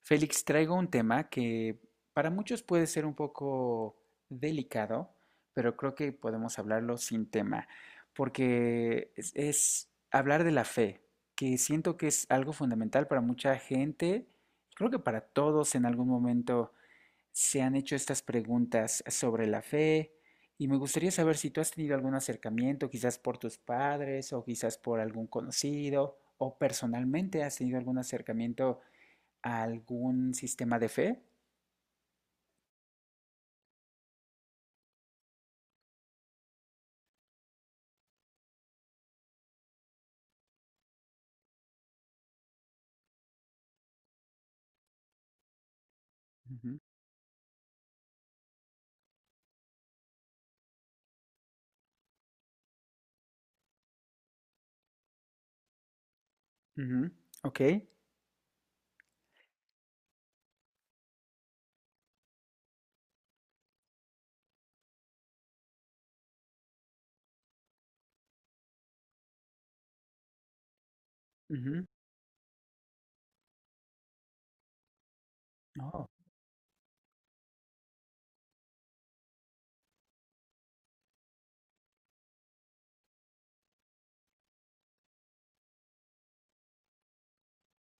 Félix, traigo un tema que para muchos puede ser un poco delicado, pero creo que podemos hablarlo sin tema, porque es hablar de la fe, que siento que es algo fundamental para mucha gente. Creo que para todos en algún momento se han hecho estas preguntas sobre la fe y me gustaría saber si tú has tenido algún acercamiento, quizás por tus padres o quizás por algún conocido o personalmente has tenido algún acercamiento. ¿Algún sistema de fe? Ujú, ujú, ok, ujú, oh,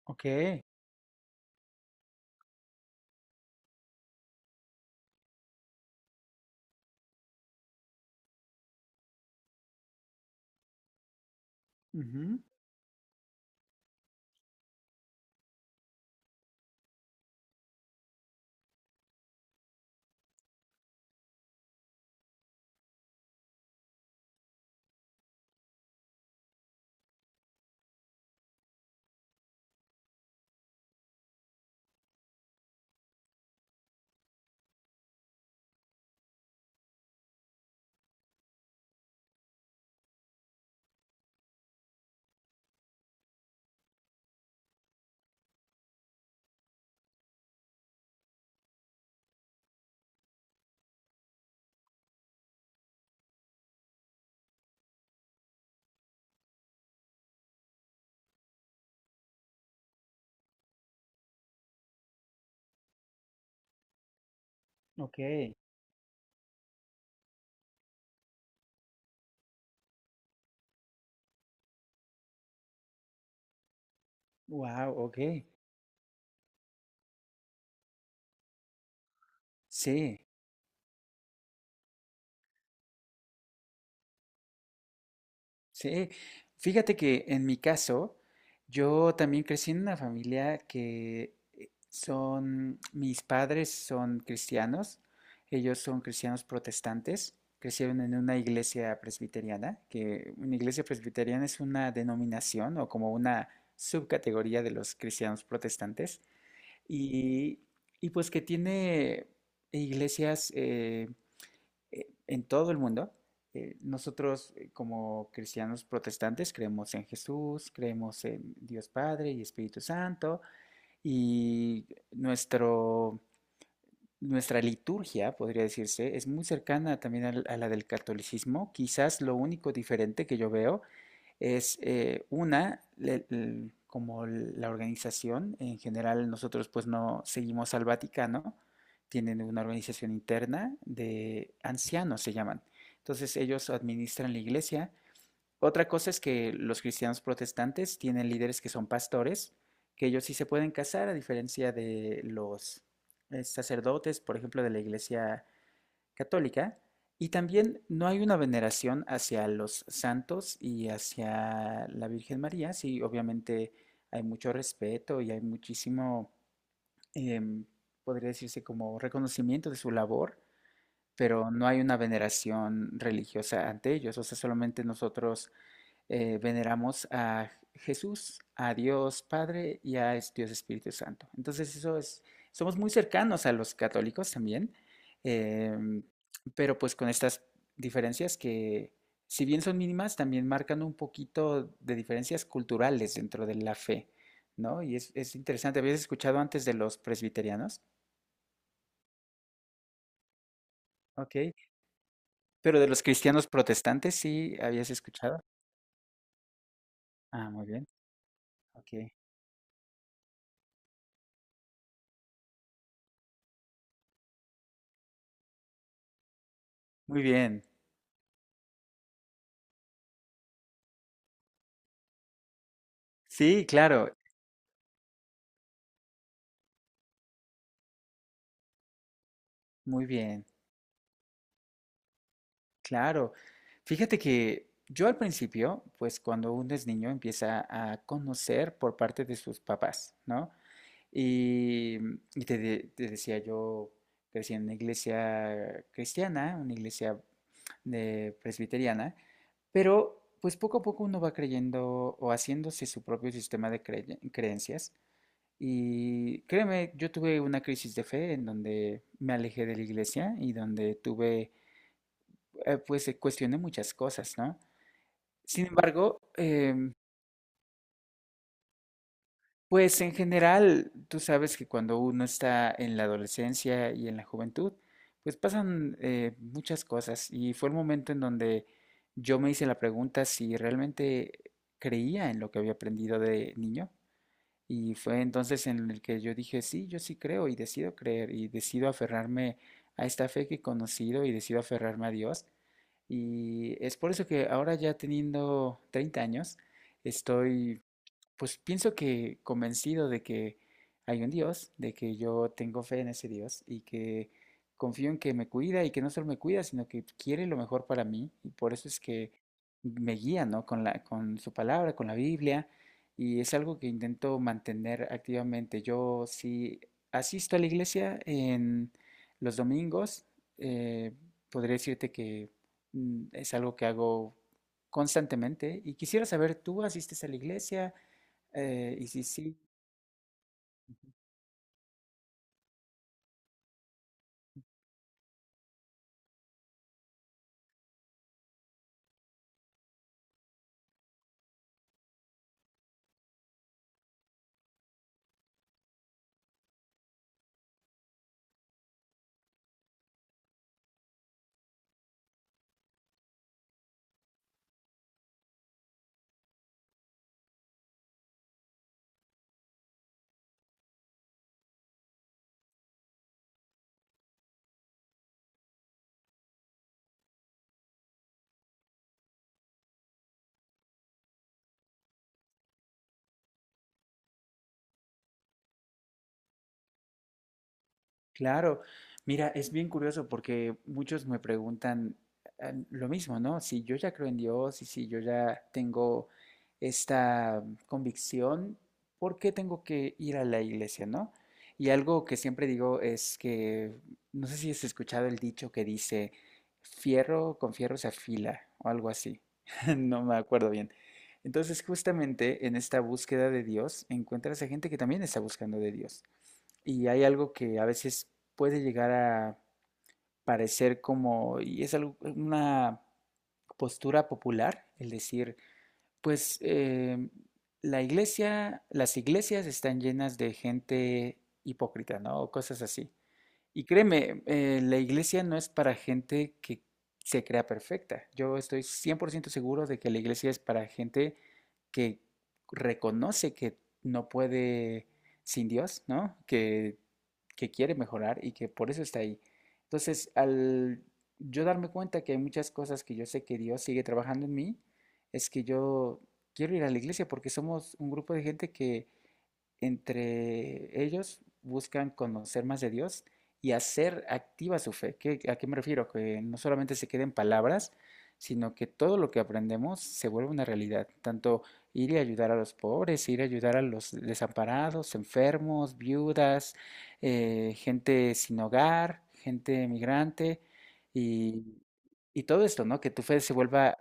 ok, ujú, ok, wow, ok, sí. Sí, fíjate que en mi caso, yo también crecí en una familia que son, mis padres son cristianos, ellos son cristianos protestantes, crecieron en una iglesia presbiteriana, que una iglesia presbiteriana es una denominación o como una subcategoría de los cristianos protestantes, y, y pues que tiene iglesias, en todo el mundo. Nosotros, como cristianos protestantes, creemos en Jesús, creemos en Dios Padre y Espíritu Santo y nuestro nuestra liturgia, podría decirse, es muy cercana también a la del catolicismo. Quizás lo único diferente que yo veo es una, como la organización, en general nosotros pues no seguimos al Vaticano, tienen una organización interna de ancianos, se llaman. Entonces ellos administran la iglesia. Otra cosa es que los cristianos protestantes tienen líderes que son pastores, que ellos sí se pueden casar, a diferencia de los sacerdotes, por ejemplo, de la Iglesia Católica. Y también no hay una veneración hacia los santos y hacia la Virgen María. Sí, obviamente hay mucho respeto y hay muchísimo, em, podría decirse como reconocimiento de su labor, pero no hay una veneración religiosa ante ellos. O sea, solamente nosotros veneramos a Jesús, a Dios Padre y a Dios Espíritu Santo. Entonces, eso es, somos muy cercanos a los católicos también, eh, pero pues con estas diferencias que, si bien son mínimas, también marcan un poquito de diferencias culturales dentro de la fe, ¿no? Y es interesante, ¿habías escuchado antes de los presbiterianos? Ok, pero de los cristianos protestantes sí habías escuchado. Ah, muy bien, ok, muy bien, sí, claro, muy bien. Claro. Fíjate que yo al principio, pues cuando uno es niño empieza a conocer por parte de sus papás, ¿no? Y, y te, te decía yo, crecí en una iglesia cristiana, una iglesia de presbiteriana, pero pues poco a poco uno va creyendo o haciéndose su propio sistema de creencias. Y créeme, yo tuve una crisis de fe en donde me alejé de la iglesia y donde tuve pues se cuestione muchas cosas, ¿no? Sin embargo, pues en general, tú sabes que cuando uno está en la adolescencia y en la juventud, pues pasan muchas cosas y fue el momento en donde yo me hice la pregunta si realmente creía en lo que había aprendido de niño y fue entonces en el que yo dije, sí, yo sí creo y decido creer y decido aferrarme a esta fe que he conocido y decido aferrarme a Dios. Y es por eso que ahora, ya teniendo 30 años, estoy, pues pienso que convencido de que hay un Dios, de que yo tengo fe en ese Dios y que confío en que me cuida y que no solo me cuida, sino que quiere lo mejor para mí y por eso es que me guía, ¿no? Con la, con su palabra, con la Biblia, y es algo que intento mantener activamente. Yo sí asisto a la iglesia en los domingos, eh, podría decirte que mm, es algo que hago constantemente y quisiera saber, ¿tú asistes a la iglesia? Y sí, sí, claro. Mira, es bien curioso porque muchos me preguntan ah, lo mismo, ¿no? Si yo ya creo en Dios y si yo ya tengo esta convicción, ¿por qué tengo que ir a la iglesia, no? Y algo que siempre digo es que, no sé si has escuchado el dicho que dice, fierro con fierro se afila o algo así. No me acuerdo bien. Entonces, justamente en esta búsqueda de Dios, encuentras a gente que también está buscando de Dios. Y hay algo que a veces puede llegar a parecer como, y es una postura popular, el decir, pues la iglesia, las iglesias están llenas de gente hipócrita, ¿no? O cosas así. Y créeme, la iglesia no es para gente que se crea perfecta. Yo estoy 100% seguro de que la iglesia es para gente que reconoce que no puede sin Dios, ¿no? Que quiere mejorar y que por eso está ahí. Entonces, al yo darme cuenta que hay muchas cosas que yo sé que Dios sigue trabajando en mí, es que yo quiero ir a la iglesia porque somos un grupo de gente que entre ellos buscan conocer más de Dios y hacer activa su fe. ¿Qué- ¿A qué me refiero? Que no solamente se queden palabras, sino que todo lo que aprendemos se vuelve una realidad. Tanto ir y ayudar a los pobres, ir a ayudar a los desamparados, enfermos, viudas, gente sin hogar, gente migrante y, y todo esto, ¿no? Que tu fe se vuelva.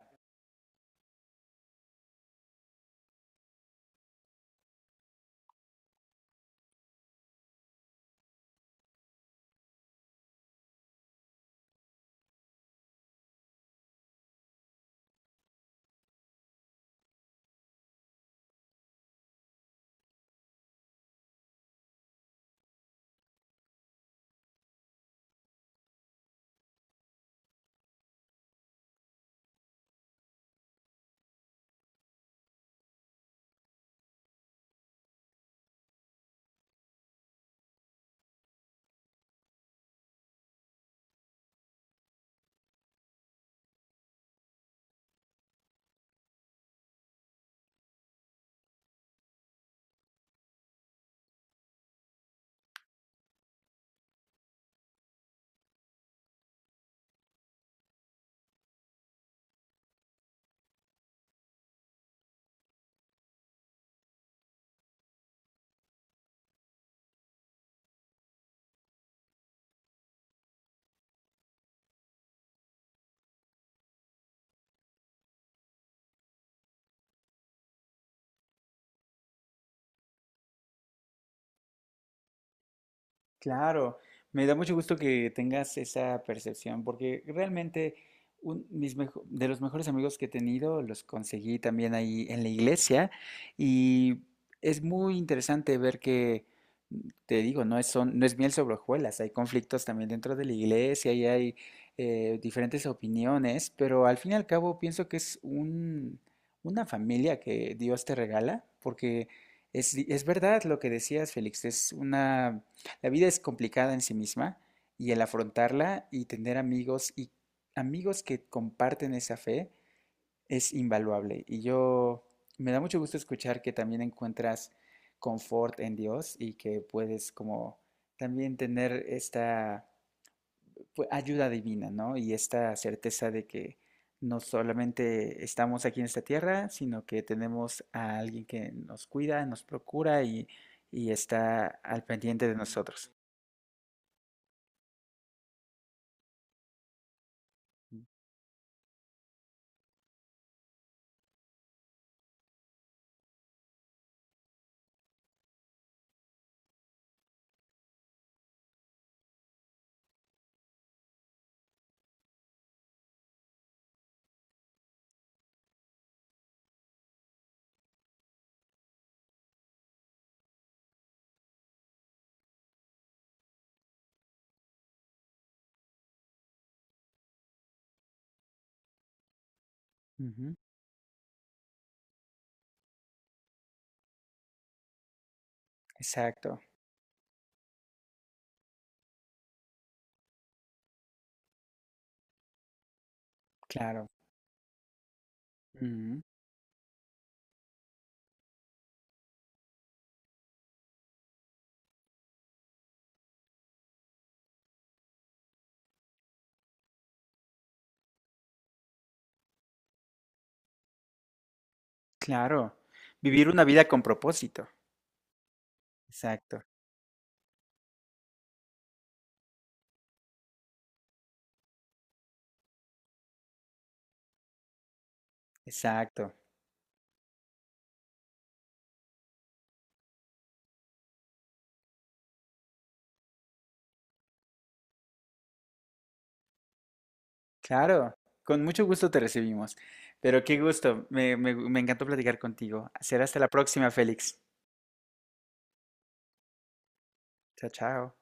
Claro, me da mucho gusto que tengas esa percepción, porque realmente de los mejores amigos que he tenido los conseguí también ahí en la iglesia y es muy interesante ver que, mm, te digo, no es miel sobre hojuelas, hay conflictos también dentro de la iglesia y hay diferentes opiniones, pero al fin y al cabo pienso que es un, una familia que Dios te regala, porque es verdad lo que decías, Félix, es una... La vida es complicada en sí misma y el afrontarla y tener amigos y amigos que comparten esa fe es invaluable. Y yo me da mucho gusto escuchar que también encuentras confort en Dios y que puedes como también tener esta, pues, ayuda divina, ¿no? Y esta certeza de que no solamente estamos aquí en esta tierra, sino que tenemos a alguien que nos cuida, nos procura y está al pendiente de nosotros. Ujú. Exacto, claro. Ujú, claro. Vivir una vida con propósito. Exacto, exacto. Claro. Con mucho gusto te recibimos. Pero qué gusto. Me encantó platicar contigo. Será hasta la próxima, Félix. Chao, chao.